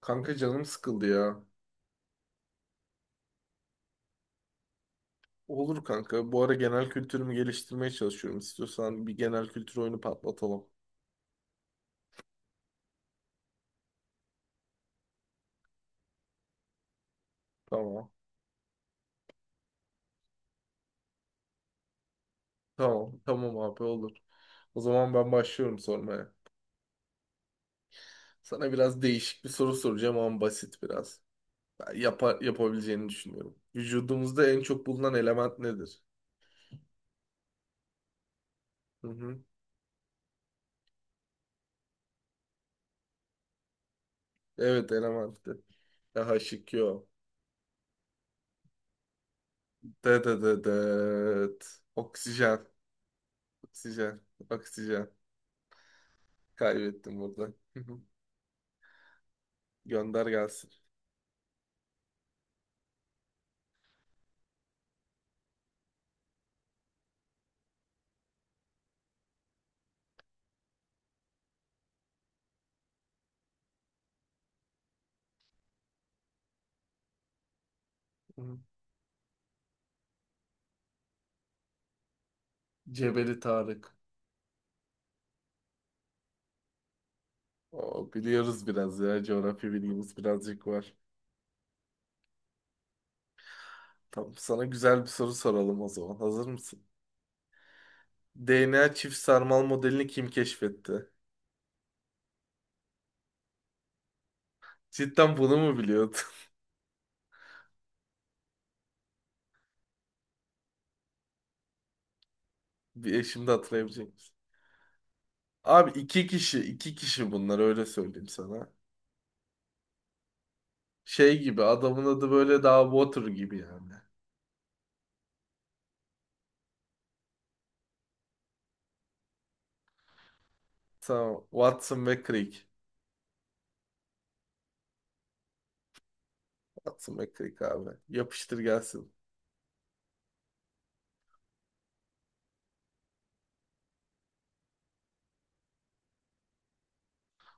Kanka canım sıkıldı ya. Olur kanka. Bu ara genel kültürümü geliştirmeye çalışıyorum. İstiyorsan bir genel kültür oyunu patlatalım. Tamam. Tamam. Tamam abi olur. O zaman ben başlıyorum sormaya. Sana biraz değişik bir soru soracağım ama basit biraz. Ben yapabileceğini düşünüyorum. Vücudumuzda en çok bulunan element nedir? Hı hı. Evet elementti. Daha şık yok. De de de de. Oksijen. Oksijen. Oksijen. Kaybettim burada. Gönder gelsin. Hı. Cebeli Tarık. O, biliyoruz biraz ya. Coğrafya bilgimiz birazcık var. Tamam, sana güzel bir soru soralım o zaman. Hazır mısın? DNA çift sarmal modelini kim keşfetti? Cidden bunu mu biliyordun? Bir şimdi hatırlayabilecek misin? Abi iki kişi, iki kişi bunlar, öyle söyleyeyim sana. Şey gibi adamın adı böyle, daha Water gibi yani. Tamam, Watson ve Crick. Watson ve Crick abi. Yapıştır gelsin.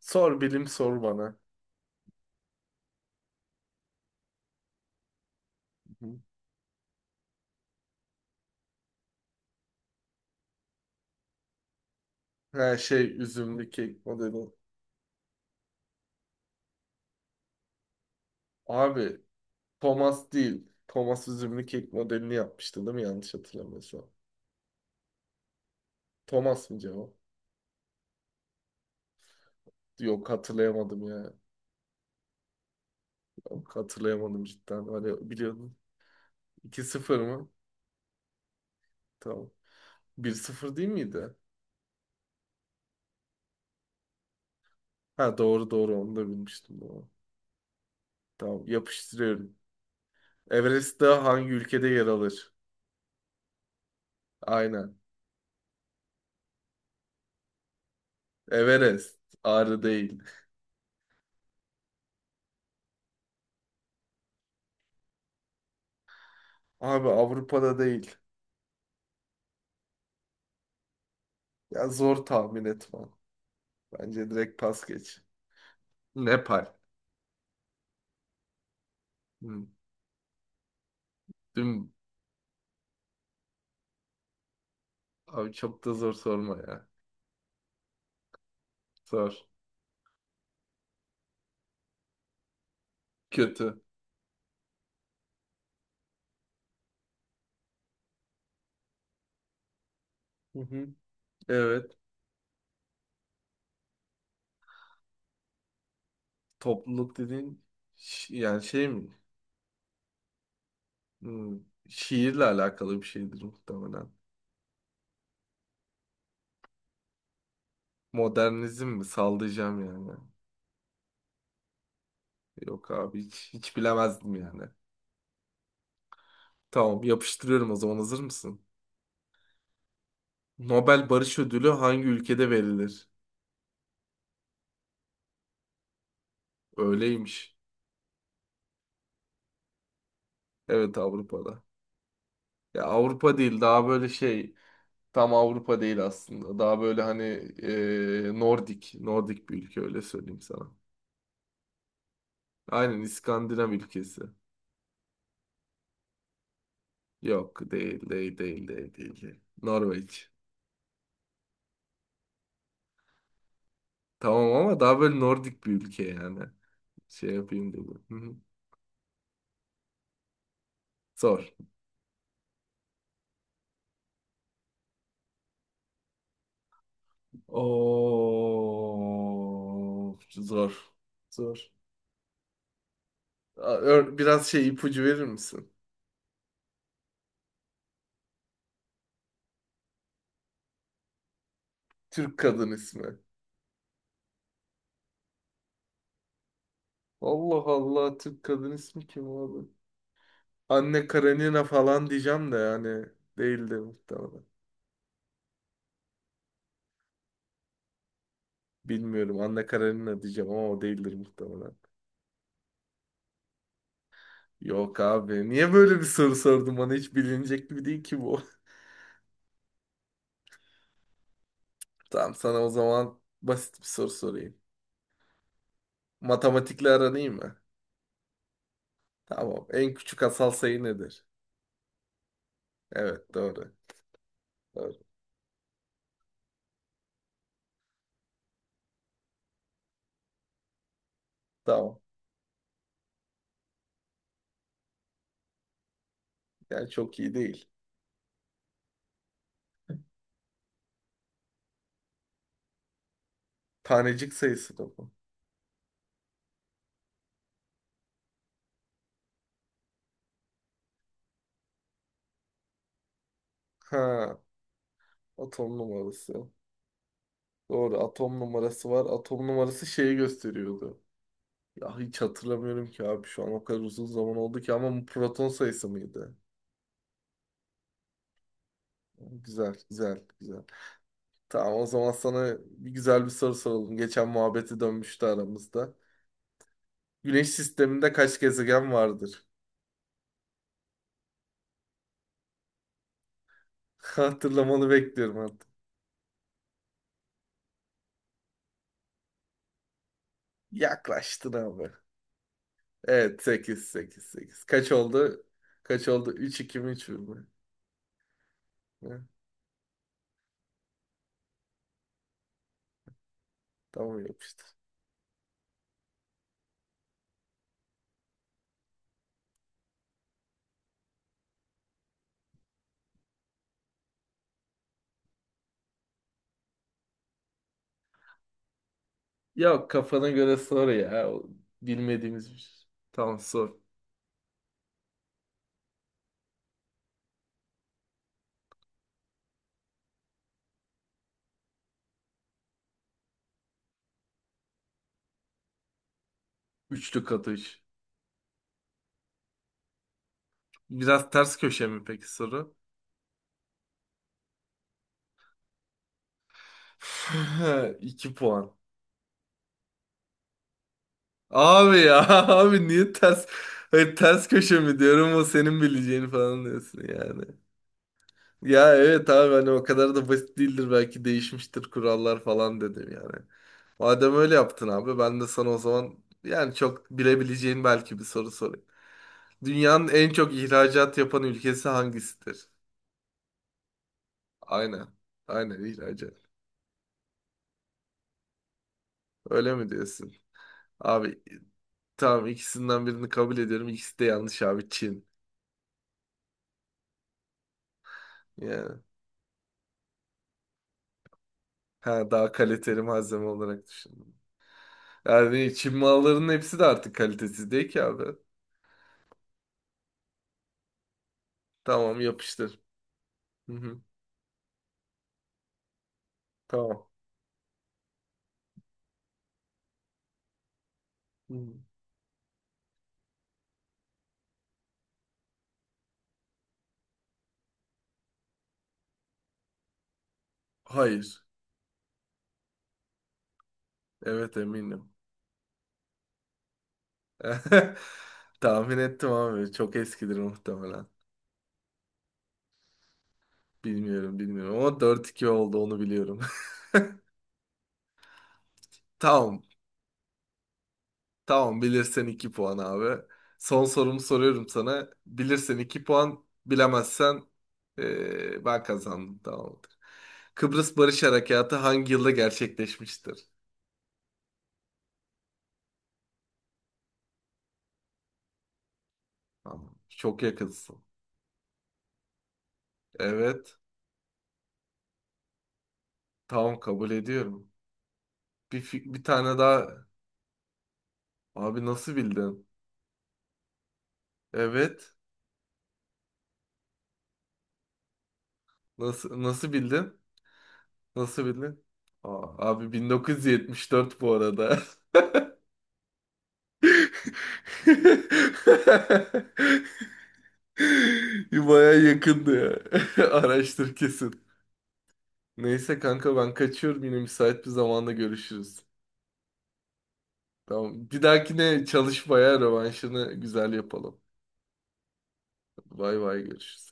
Sor bilim, sor bana. Hı. Her şey üzümlü kek modeli. Abi Thomas değil. Thomas üzümlü kek modelini yapmıştı, değil mi? Yanlış hatırlamıyorsam. Thomas mı cevap? Yok, hatırlayamadım ya. Yok, hatırlayamadım cidden. Hani biliyordum. 2 sıfır mı? Tamam. 1-0 değil miydi? Ha, doğru doğru, onu da bilmiştim. Doğru. Tamam, yapıştırıyorum. Everest Dağı hangi ülkede yer alır? Aynen. Everest. Ağrı değil. Abi, Avrupa'da değil. Ya, zor tahmin etmem. Bence direkt pas geç. Nepal. Hı. Dün... Abi çok da zor sorma ya. Zor. Kötü. Hı hı. Evet. Topluluk dediğin yani şey mi? Hmm, Şiirle alakalı bir şeydir muhtemelen. Modernizm mi? Sallayacağım yani. Yok abi, hiç, hiç bilemezdim yani. Tamam, yapıştırıyorum o zaman, hazır mısın? Nobel Barış Ödülü hangi ülkede verilir? Öyleymiş. Evet, Avrupa'da. Ya Avrupa değil, daha böyle şey. Tam Avrupa değil aslında. Daha böyle, hani Nordik. Nordik bir ülke, öyle söyleyeyim sana. Aynen, İskandinav ülkesi. Yok, değil değil değil değil değil değil. Norveç. Tamam, ama daha böyle Nordik bir ülke yani. Şey yapayım dedim. Hı hı. Zor. Oo, zor. Zor. Aa, biraz şey ipucu verir misin? Türk kadın ismi. Allah Allah, Türk kadın ismi kim abi? Anne Karenina falan diyeceğim de yani değildir muhtemelen. Bilmiyorum, Anne Karenina diyeceğim ama o değildir muhtemelen. Yok abi, niye böyle bir soru sordun? Bana hiç bilinecek gibi değil ki bu. Tamam, sana o zaman basit bir soru sorayım. Matematikle aran iyi mi? Tamam, en küçük asal sayı nedir? Evet, doğru. Doğru. Tamam. Yani çok iyi değil. Tanecik sayısı da bu. Ha, atom numarası. Doğru, atom numarası var. Atom numarası şeyi gösteriyordu. Ya, hiç hatırlamıyorum ki abi, şu an o kadar uzun zaman oldu ki, ama bu proton sayısı mıydı? Güzel, güzel, güzel. Tamam, o zaman sana bir güzel bir soru soralım. Geçen muhabbeti dönmüştü aramızda. Güneş sisteminde kaç gezegen vardır? Hatırlamanı bekliyorum artık. Yaklaştın abi. Evet, 8 8 8. Kaç oldu? Kaç oldu? 3-2 mi, 3 mü? Hı. Tamam, yapıştır. Yok, kafana göre sor ya. O bilmediğimiz bir şey. Tamam, sor. Üçlü katı üç. Biraz ters köşe mi peki soru? 2 puan. Abi ya, abi niye ters, hayır, ters köşe mi diyorum, o senin bileceğini falan diyorsun yani. Ya evet abi, hani o kadar da basit değildir, belki değişmiştir kurallar falan dedim yani. Madem öyle yaptın abi, ben de sana o zaman yani çok bilebileceğin belki bir soru sorayım. Dünyanın en çok ihracat yapan ülkesi hangisidir? Aynen. Aynen ihracat. Öyle mi diyorsun? Abi, tamam, ikisinden birini kabul ediyorum. İkisi de yanlış abi, Çin. Yani, ha, daha kaliteli malzeme olarak düşündüm. Yani Çin mallarının hepsi de artık kalitesiz değil ki abi. Tamam, yapıştır. Hı hı, tamam. Hı hı. Hayır. Evet, eminim. Tahmin ettim abi. Çok eskidir muhtemelen. Bilmiyorum, bilmiyorum, ama 4-2 oldu, onu biliyorum. Tamam. Tamam, bilirsen 2 puan abi. Son sorumu soruyorum sana. Bilirsen 2 puan, bilemezsen ben kazandım. Tamamdır. Kıbrıs Barış Harekatı hangi yılda gerçekleşmiştir? Tamam. Çok yakınsın. Evet. Tamam, kabul ediyorum. Bir tane daha. Abi nasıl bildin? Evet. Nasıl nasıl bildin? Nasıl bildin? Aa, abi, 1974 bu arada. Baya yakındı ya. Araştır kesin. Neyse kanka, ben kaçıyorum, yine müsait bir zamanda görüşürüz. Tamam. Bir dahakine çalışmaya rövanşını güzel yapalım. Bay bay, görüşürüz.